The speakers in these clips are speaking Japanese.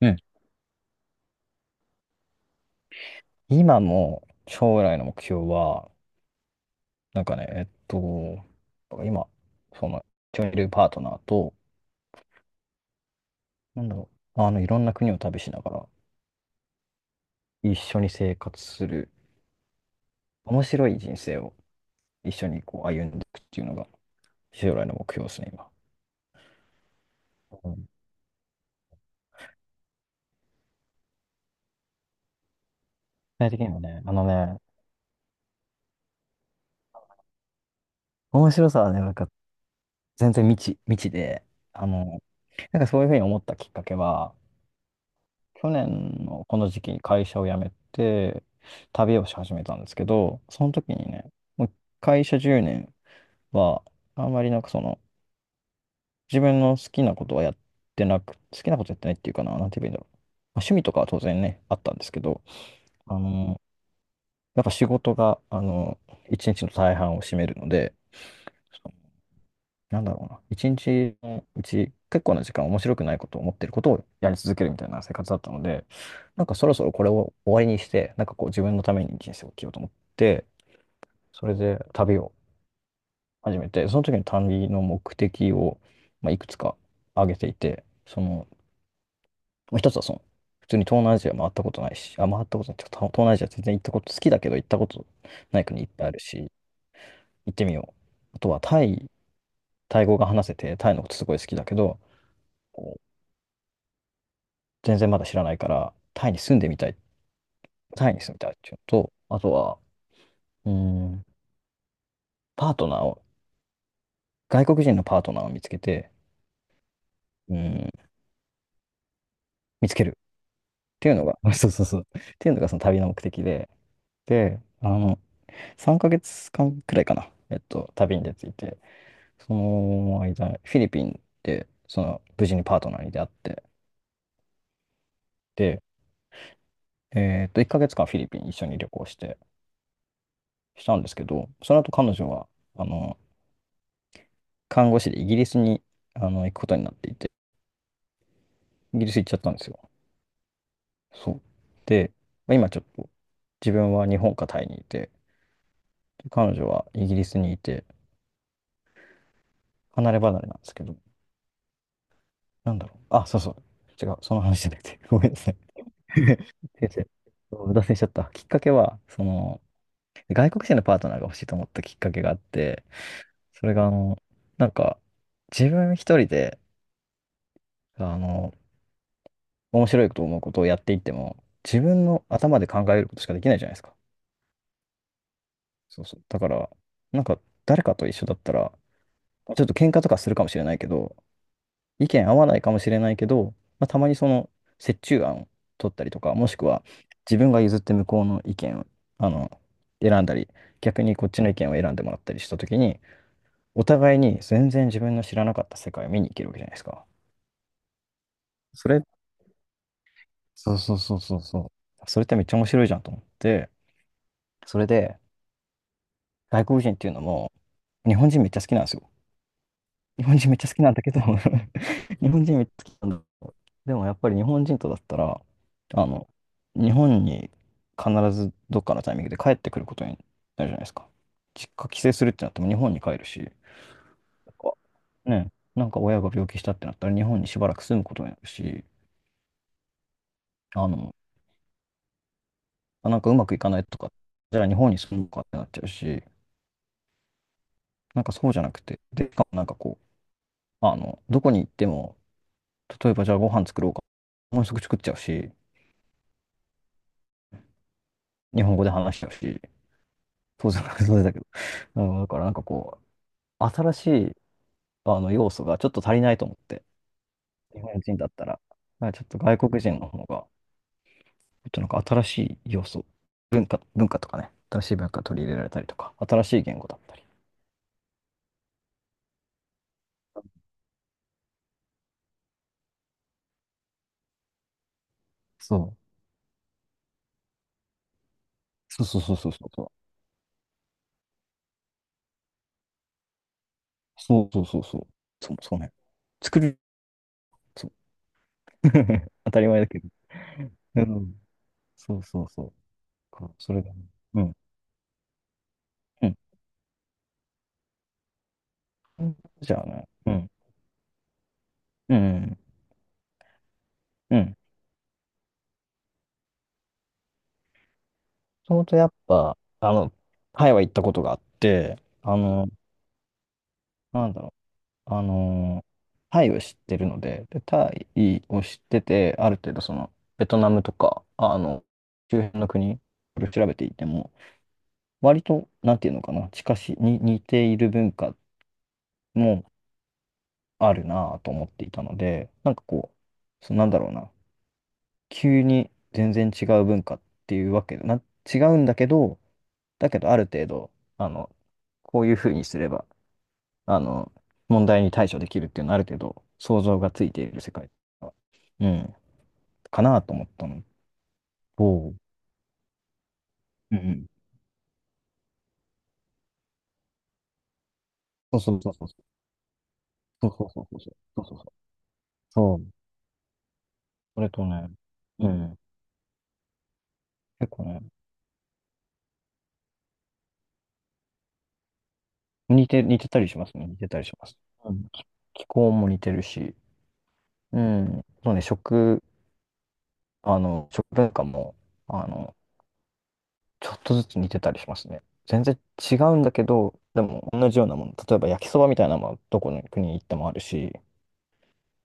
うん。今も将来の目標は、なんかね、えっと、今、その、一緒にいるパートナーと、なんだろいろんな国を旅しながら、一緒に生活する、面白い人生を一緒にこう歩んでいくっていうのが、将来の目標ですね、今。うん、具体的にはね、あのね、面白さはね、なんか全然未知で、あの、なんかそういうふうに思ったきっかけは、去年のこの時期に会社を辞めて旅をし始めたんですけど、その時にね、もう会社10年はあんまりなんかその自分の好きなことはやってなく、好きなことやってないっていうかな、なんて言えばいいんだろう。まあ、趣味とかは当然ね、あったんですけど、あの、やっぱ仕事が、一日の大半を占めるので、なんだろうな、一日のうち結構な時間面白くないことを思ってることをやり続けるみたいな生活だったので、なんかそろそろこれを終わりにして、なんかこう自分のために人生を生きようと思って、それで旅を始めて、その時に旅の目的を、まあ、いくつか挙げていて、その、まあ一つはその、普通に東南アジア回ったことないし、あ、回ったことないっていうか、東南アジア全然行ったこと、好きだけど行ったことない国いっぱいあるし、行ってみよう。あとはタイ、タイ語が話せて、タイのことすごい好きだけど、全然まだ知らないから、タイに住んでみたい、タイに住みたいっていうのと、あとは、うーん、パートナーを、外国人のパートナーを見つけて、うーん、見つけるっていうのが、そうそうそう、っていうのがその旅の目的で、で、あの、3ヶ月間くらいかな、旅に出ていて、その間、フィリピンで、その、無事にパートナーに出会って、で、えっと、1ヶ月間フィリピン一緒に旅行して、したんですけど、その後彼女は、あの、看護師でイギリスに、あの、行くことになっていて、イギリス行っちゃったんですよ。そう。で、まあ今ちょっと自分は日本かタイにいて、彼女はイギリスにいて、離れ離れなんですけど、なんだろう。あ、そうそう。違う。その話じゃなくて。ごめんなさい。先生。そう脱線しちゃった。きっかけは、その、外国人のパートナーが欲しいと思ったきっかけがあって、それが、あの、なんか、自分一人で、あの、面白いと思うことをやっていっても、自分の頭で考えることしかできないじゃないですか。そうそう。だから、なんか、誰かと一緒だったら、ちょっと喧嘩とかするかもしれないけど、意見合わないかもしれないけど、まあ、たまにその折衷案を取ったりとか、もしくは自分が譲って向こうの意見をあの選んだり、逆にこっちの意見を選んでもらったりしたときに、お互いに全然自分の知らなかった世界を見に行けるわけじゃないですか。それ、そうそうそうそうそう。それってめっちゃ面白いじゃんと思って、それで外国人っていうのも日本人めっちゃ好きなんですよ。日本人めっちゃ好きなんだけど。 日本人めっちゃ好きなんだけど、でもやっぱり日本人とだったら、あの、日本に必ずどっかのタイミングで帰ってくることになるじゃないですか。実家帰省するってなっても日本に帰るし、なんかね、なんか親が病気したってなったら日本にしばらく住むことになるし、あの、あなんかうまくいかないとか、じゃあ日本に住むかってなっちゃうし、なんかそうじゃなくて、で、しかもなんかこう、あの、どこに行っても、例えばじゃあご飯作ろうか、もうすぐ作っちゃうし、日本語で話してほしい。当然、当然だけど。うん、だからなんかこう、新しいあの要素がちょっと足りないと思って、日本人だったら、まあちょっと外国人の方が、ちょっとなんか新しい要素、文化とかね、新しい文化取り入れられたりとか、新しい言語だったり。そう。そうそうそうそうそう。そうそうそうそう。そう、そうね。作る。そう。当たり前だけど。うん。そうそうそう。かそれだね。うん。うん。じゃあね。うん。うん。うん。ともとやっぱ、あの、タイは行ったことがあって、あの、なんだろう、あの、タイを知ってるので、で、タイを知ってて、ある程度その、ベトナムとか、あの、周辺の国、これ調べていても、割と、なんていうのかな、近し、に似ている文化もあるなぁと思っていたので、なんかこう、そ、なんだろうな、急に全然違う文化っていうわけで、な、違うんだけど、だけどある程度、あの、こういうふうにすれば、あの、問題に対処できるっていうのはある程度想像がついている世界が、うん、かなと思ったのと、うんうん。そうそうそうそう。そうそうそうそう。そうそうそう。そう。それとね、うん。結構ね、似てたりしますね。似てたりします。うん。気候も似てるし、うん。そうね、食、あの、食文化も、あの、ちょっとずつ似てたりしますね。全然違うんだけど、でも同じようなもの。例えば焼きそばみたいなのもどこの国に行ってもあるし、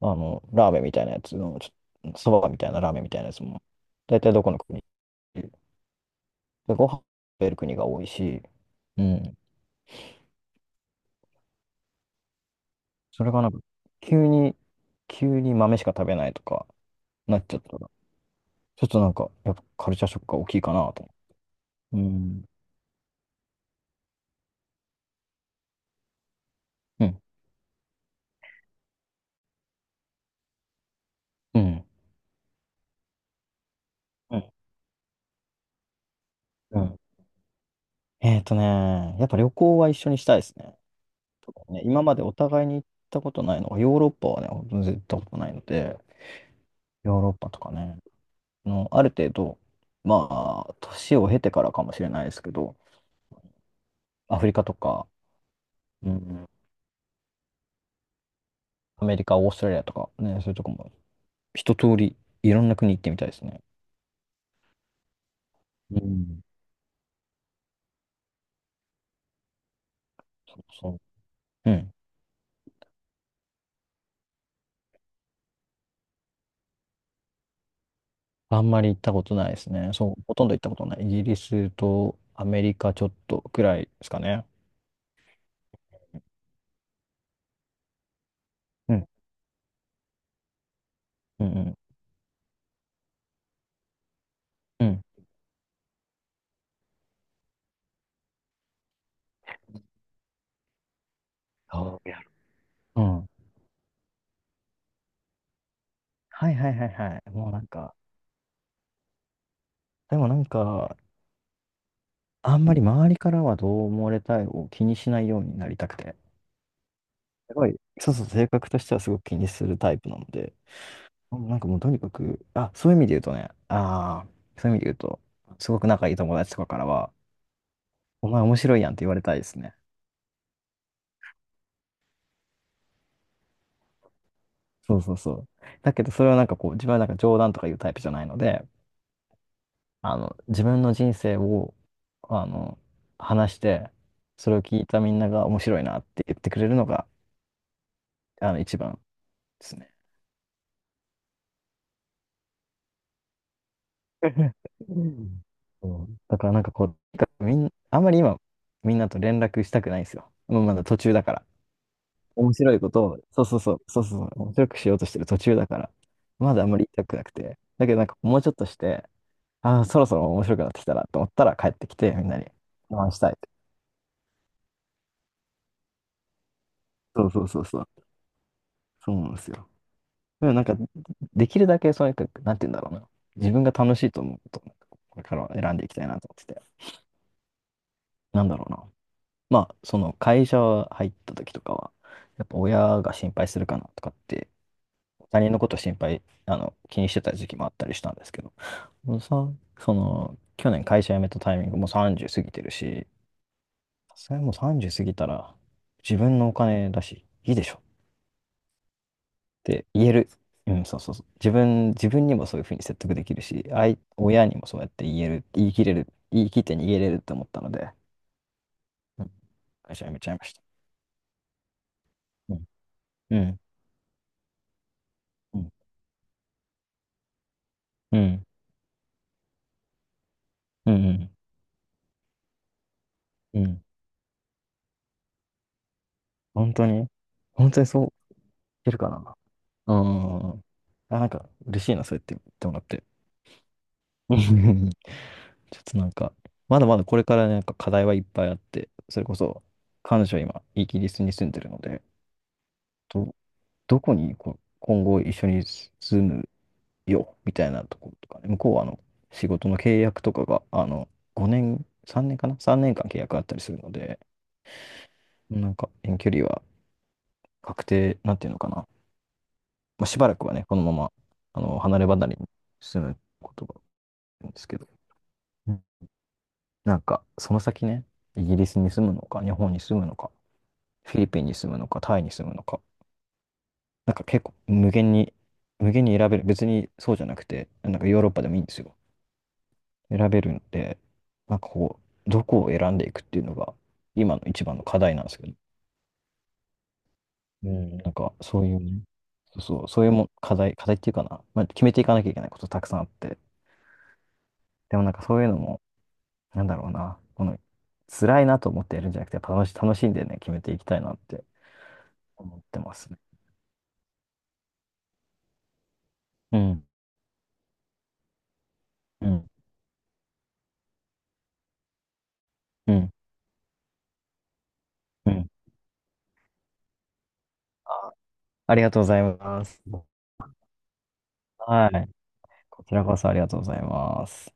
あの、ラーメンみたいなやつの、ちょっと、そばみたいなラーメンみたいなやつも、大体どこの国でご飯食べる国が多いし、うん。それがなんか、急に、急に豆しか食べないとか、なっちゃったら、ちょっとなんか、やっぱカルチャーショックが大きいかなと。うん。うん。うん。うん。うん、やっぱ旅行は一緒にしたいですね。そうね、今までお互いに行ったことないのが、ヨーロッパはね、ほんと絶対行ったことないので、ヨーロッパとかね、あの、ある程度、まあ、年を経てからかもしれないですけど、アフリカとか、うん、アメリカ、オーストラリアとか、ね、そういうとこも、一通り、いろんな国行ってみたいですね。うん。そうそう。うん。あんまり行ったことないですね。そう、ほとんど行ったことない。イギリスとアメリカちょっとくらいですかね。うん。うん。うん。うん。そうやる。うん、はいはいはいはい。もうなんか、でもなんか、あんまり周りからはどう思われたいを気にしないようになりたくて。すごい、そうそう、性格としてはすごく気にするタイプなので、もうとにかく、あ、そういう意味で言うとね、ああ、そういう意味で言うと、すごく仲いい友達とかからは、お前面白いやんって言われたいですね。そうそうそう。だけど、それはなんかこう、自分はなんか冗談とか言うタイプじゃないので、自分の人生を、あの、話して、それを聞いたみんなが面白いなって言ってくれるのが、一番ですね。うんそうだからなんかこう、あんまり今、みんなと連絡したくないんですよ。もうまだ途中だから。面白いことを、そうそうそう、そうそうそう、面白くしようとしてる途中だから、まだあんまり言いたくなくて。だけどなんかもうちょっとして、ああ、そろそろ面白くなってきたなと思ったら帰ってきて、みんなに話したいって。そうそうそうそう。そうなんですよ。でもなんか、できるだけそういうか、なんて言うんだろうな。自分が楽しいと思うことを、これからは選んでいきたいなと思ってて。なんだろうな。まあ、その会社入った時とかは、やっぱ親が心配するかなとかって、他人のこと心配、気にしてた時期もあったりしたんですけど、もうさ、その、去年会社辞めたタイミングもう30過ぎてるし、さすがにもう30過ぎたら、自分のお金だし、いいでしょって言える。うん、そうそうそう。自分にもそういうふうに説得できるし、あい、親にもそうやって言える、言い切れる、言い切って逃げれるって思ったので、うん会社辞めちゃいました。うん。うん。うん。うんうんうん。うん。本当に本当にそう言ってるかな。うん。あ、なんか嬉しいな、そうやって言ってもらって。うん ちょっとなんか、まだまだこれからねなんか課題はいっぱいあって、それこそ彼女は今イギリスに住んでるので、ど、どこにこ今後一緒に住むよみたいなところとかね、向こうはあの仕事の契約とかがあの5年、3年かな？ 3 年間契約あったりするので、なんか遠距離は確定、なんていうのかなまあ、しばらくはね、このまま、あの、離れ離れに住むことが多いんですけど、うんなんか、その先ね、イギリスに住むのか、日本に住むのか、フィリピンに住むのか、タイに住むのか、なんか結構無限に、無限に選べる。別にそうじゃなくて、なんかヨーロッパでもいいんですよ。選べるんで、なんかこう、どこを選んでいくっていうのが、今の一番の課題なんですけど、うんなんか、そういうね、そうそう、そういうもん課題、課題っていうかな、まあ、決めていかなきゃいけないことたくさんあって、でもなんかそういうのも、なんだろうな、この、辛いなと思ってやるんじゃなくて、やっぱ楽し、楽しんでね、決めていきたいなって思ってますね。うん、うん、うん、うん。あ、ありがとうございます。はい。こちらこそありがとうございます。